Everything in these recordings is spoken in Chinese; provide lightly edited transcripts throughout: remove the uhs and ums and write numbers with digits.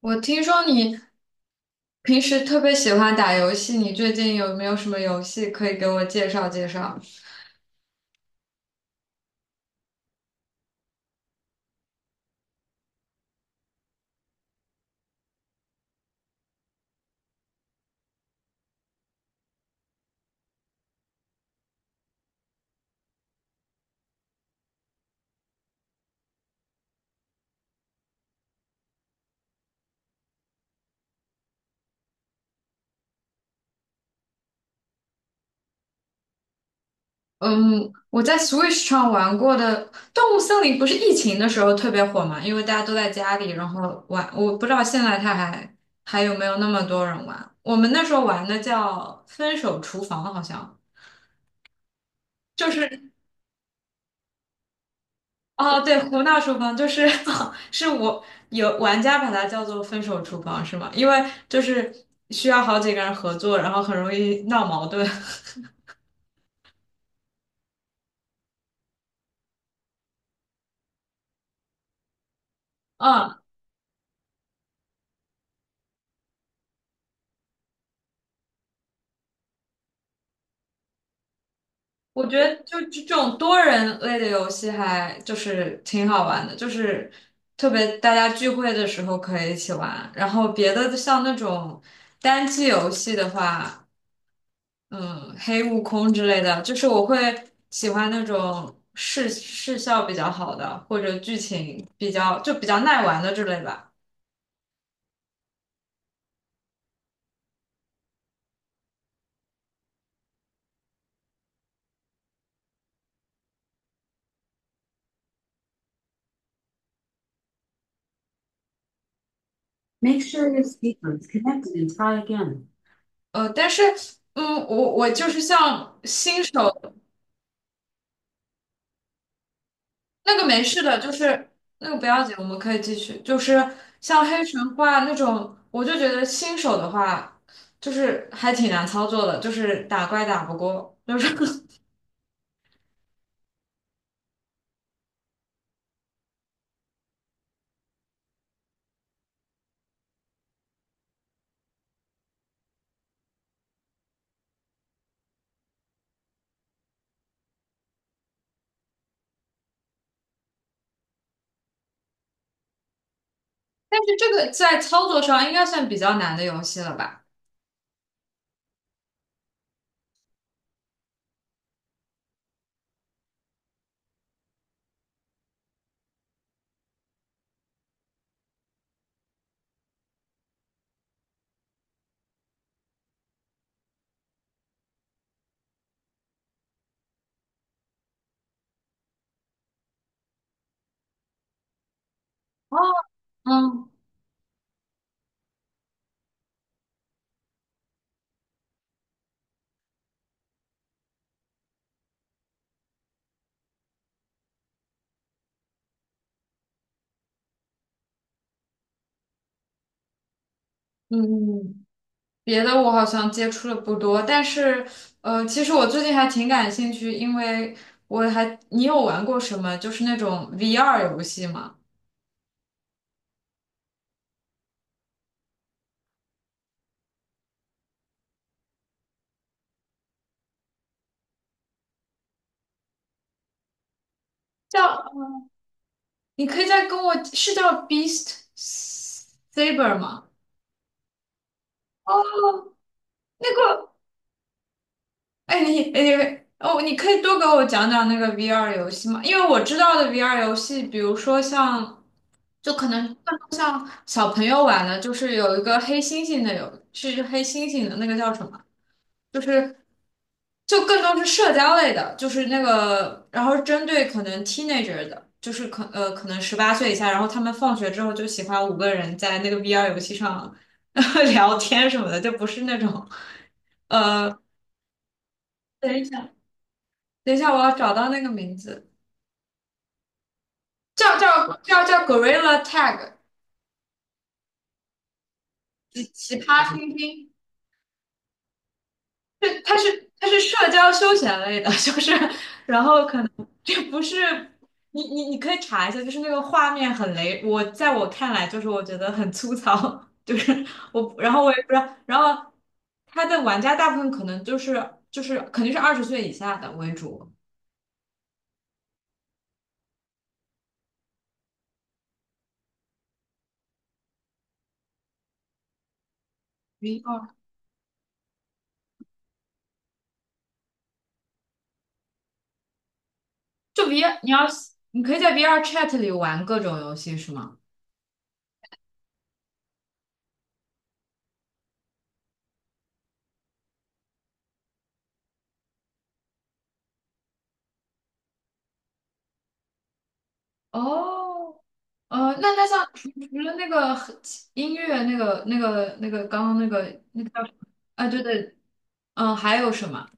我听说你平时特别喜欢打游戏，你最近有没有什么游戏可以给我介绍介绍？嗯，我在 Switch 上玩过的《动物森林》不是疫情的时候特别火嘛，因为大家都在家里，然后玩。我不知道现在它还有没有那么多人玩。我们那时候玩的叫《分手厨房》，好像就是哦，对，胡闹厨房就是 是我有玩家把它叫做分手厨房是吗？因为就是需要好几个人合作，然后很容易闹矛盾。嗯，我觉得就这种多人类的游戏还就是挺好玩的，就是特别大家聚会的时候可以一起玩。然后别的像那种单机游戏的话，嗯，黑悟空之类的，就是我会喜欢那种视效比较好的，或者剧情比较就比较耐玩的之类吧。Make sure y o u speaker is connected and try again. 但是，我就是像新手那个没事的，就是那个不要紧，我们可以继续。就是像黑神话那种，我就觉得新手的话，就是还挺难操作的，就是打怪打不过，就是 但是这个在操作上应该算比较难的游戏了吧？哦，嗯嗯，别的我好像接触的不多，但是其实我最近还挺感兴趣，因为你有玩过什么就是那种 VR 游戏吗？叫，你可以再跟我，是叫 Beast Saber 吗？那个哎，你哎哦，你可以多给我讲讲那个 VR 游戏吗？因为我知道的 VR 游戏，比如说像，就可能小朋友玩的，就是有一个黑猩猩的，是黑猩猩的那个叫什么？就是就更多是社交类的，就是那个，然后针对可能 teenager 的，就是可能18岁以下，然后他们放学之后就喜欢五个人在那个 VR 游戏上 聊天什么的，就不是那种呃，等一下，等一下，我要找到那个名字，叫叫叫 Gorilla Tag，奇奇葩猩猩。对，它是社交休闲类的，就是，然后可能这不是你可以查一下，就是那个画面很雷，我在我看来就是我觉得很粗糙，就是我，然后我也不知道，然后它的玩家大部分可能就是肯定是20岁以下的为主，VR 就 VR 你要你可以在 VR Chat 里玩各种游戏是吗？哦，那像除了那个和音乐，刚刚那个叫什么？啊，对对，还有什么？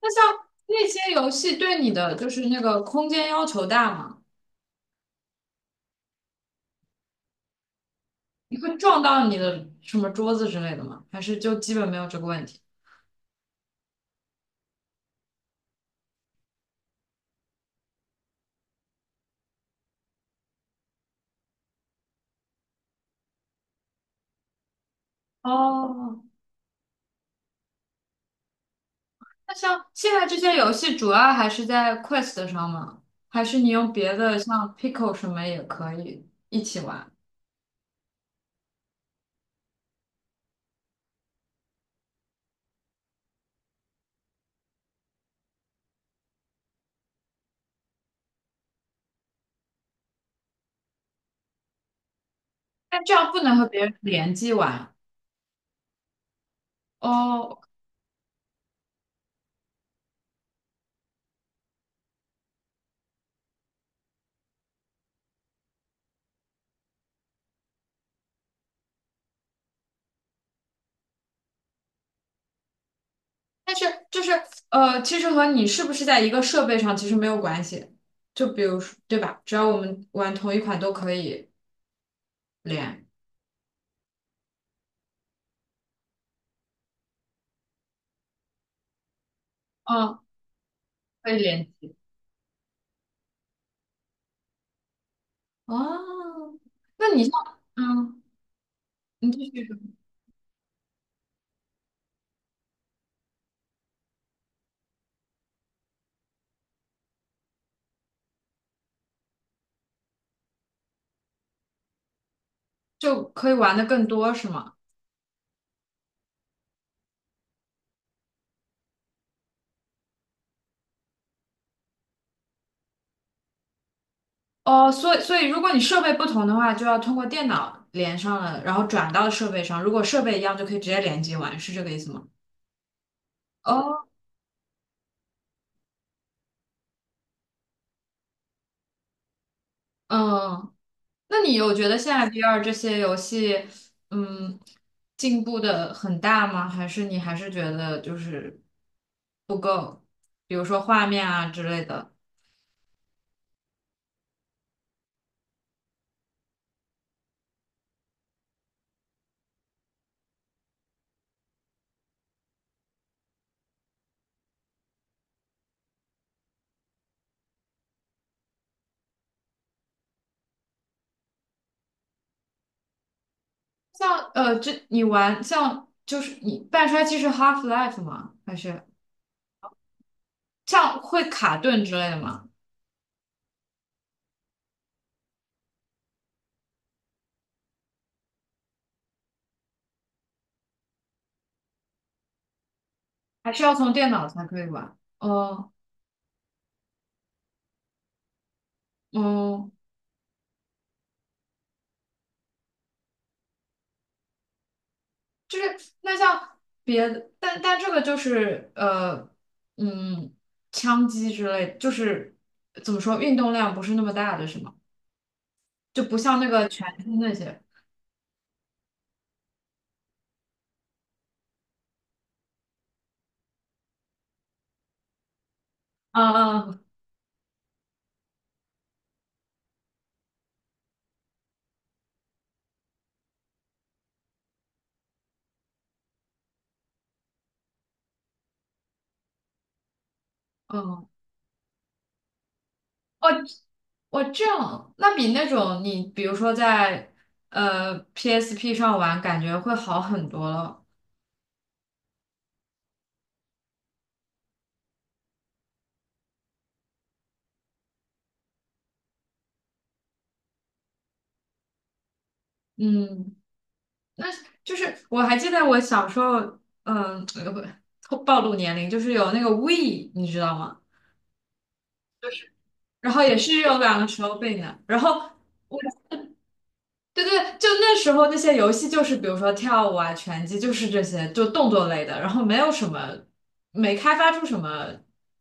那像那些游戏对你的就是那个空间要求大吗？你会撞到你的什么桌子之类的吗？还是就基本没有这个问题？哦，那像现在这些游戏主要还是在 Quest 上吗？还是你用别的像 Pico 什么也可以一起玩？但这样不能和别人联机玩。哦但是就是其实和你是不是在一个设备上其实没有关系。就比如说，对吧？只要我们玩同一款都可以连，嗯，可以连。哦，那你像，嗯，你继续说就可以玩的更多是吗？哦，所以如果你设备不同的话，就要通过电脑连上了，然后转到设备上。如果设备一样，就可以直接连接玩，是这个意思吗？哦，嗯那你有觉得现在 VR 这些游戏，嗯，进步的很大吗？还是你还是觉得就是不够？比如说画面啊之类的，像这你玩像就是你半衰期是 Half-Life 吗？还是像会卡顿之类的吗？还是要从电脑才可以玩？哦，哦。就是那像别的，但这个就是嗯，枪击之类，就是怎么说，运动量不是那么大的，是吗？就不像那个拳击那些。嗯嗯嗯，哦我这样，那比那种你比如说在PSP 上玩，感觉会好很多了。嗯，那就是我还记得我小时候，嗯，呃不暴露年龄，就是有那个 w e 你知道吗？然后也是有两个手柄的，然后对对，就那时候那些游戏就是比如说跳舞啊、拳击，就是这些就动作类的，然后没有什么没开发出什么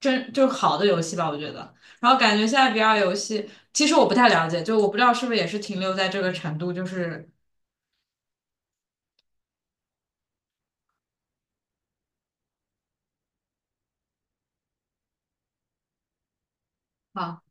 真就是好的游戏吧，我觉得。然后感觉现在 VR 游戏，其实我不太了解，就我不知道是不是也是停留在这个程度，就是。啊。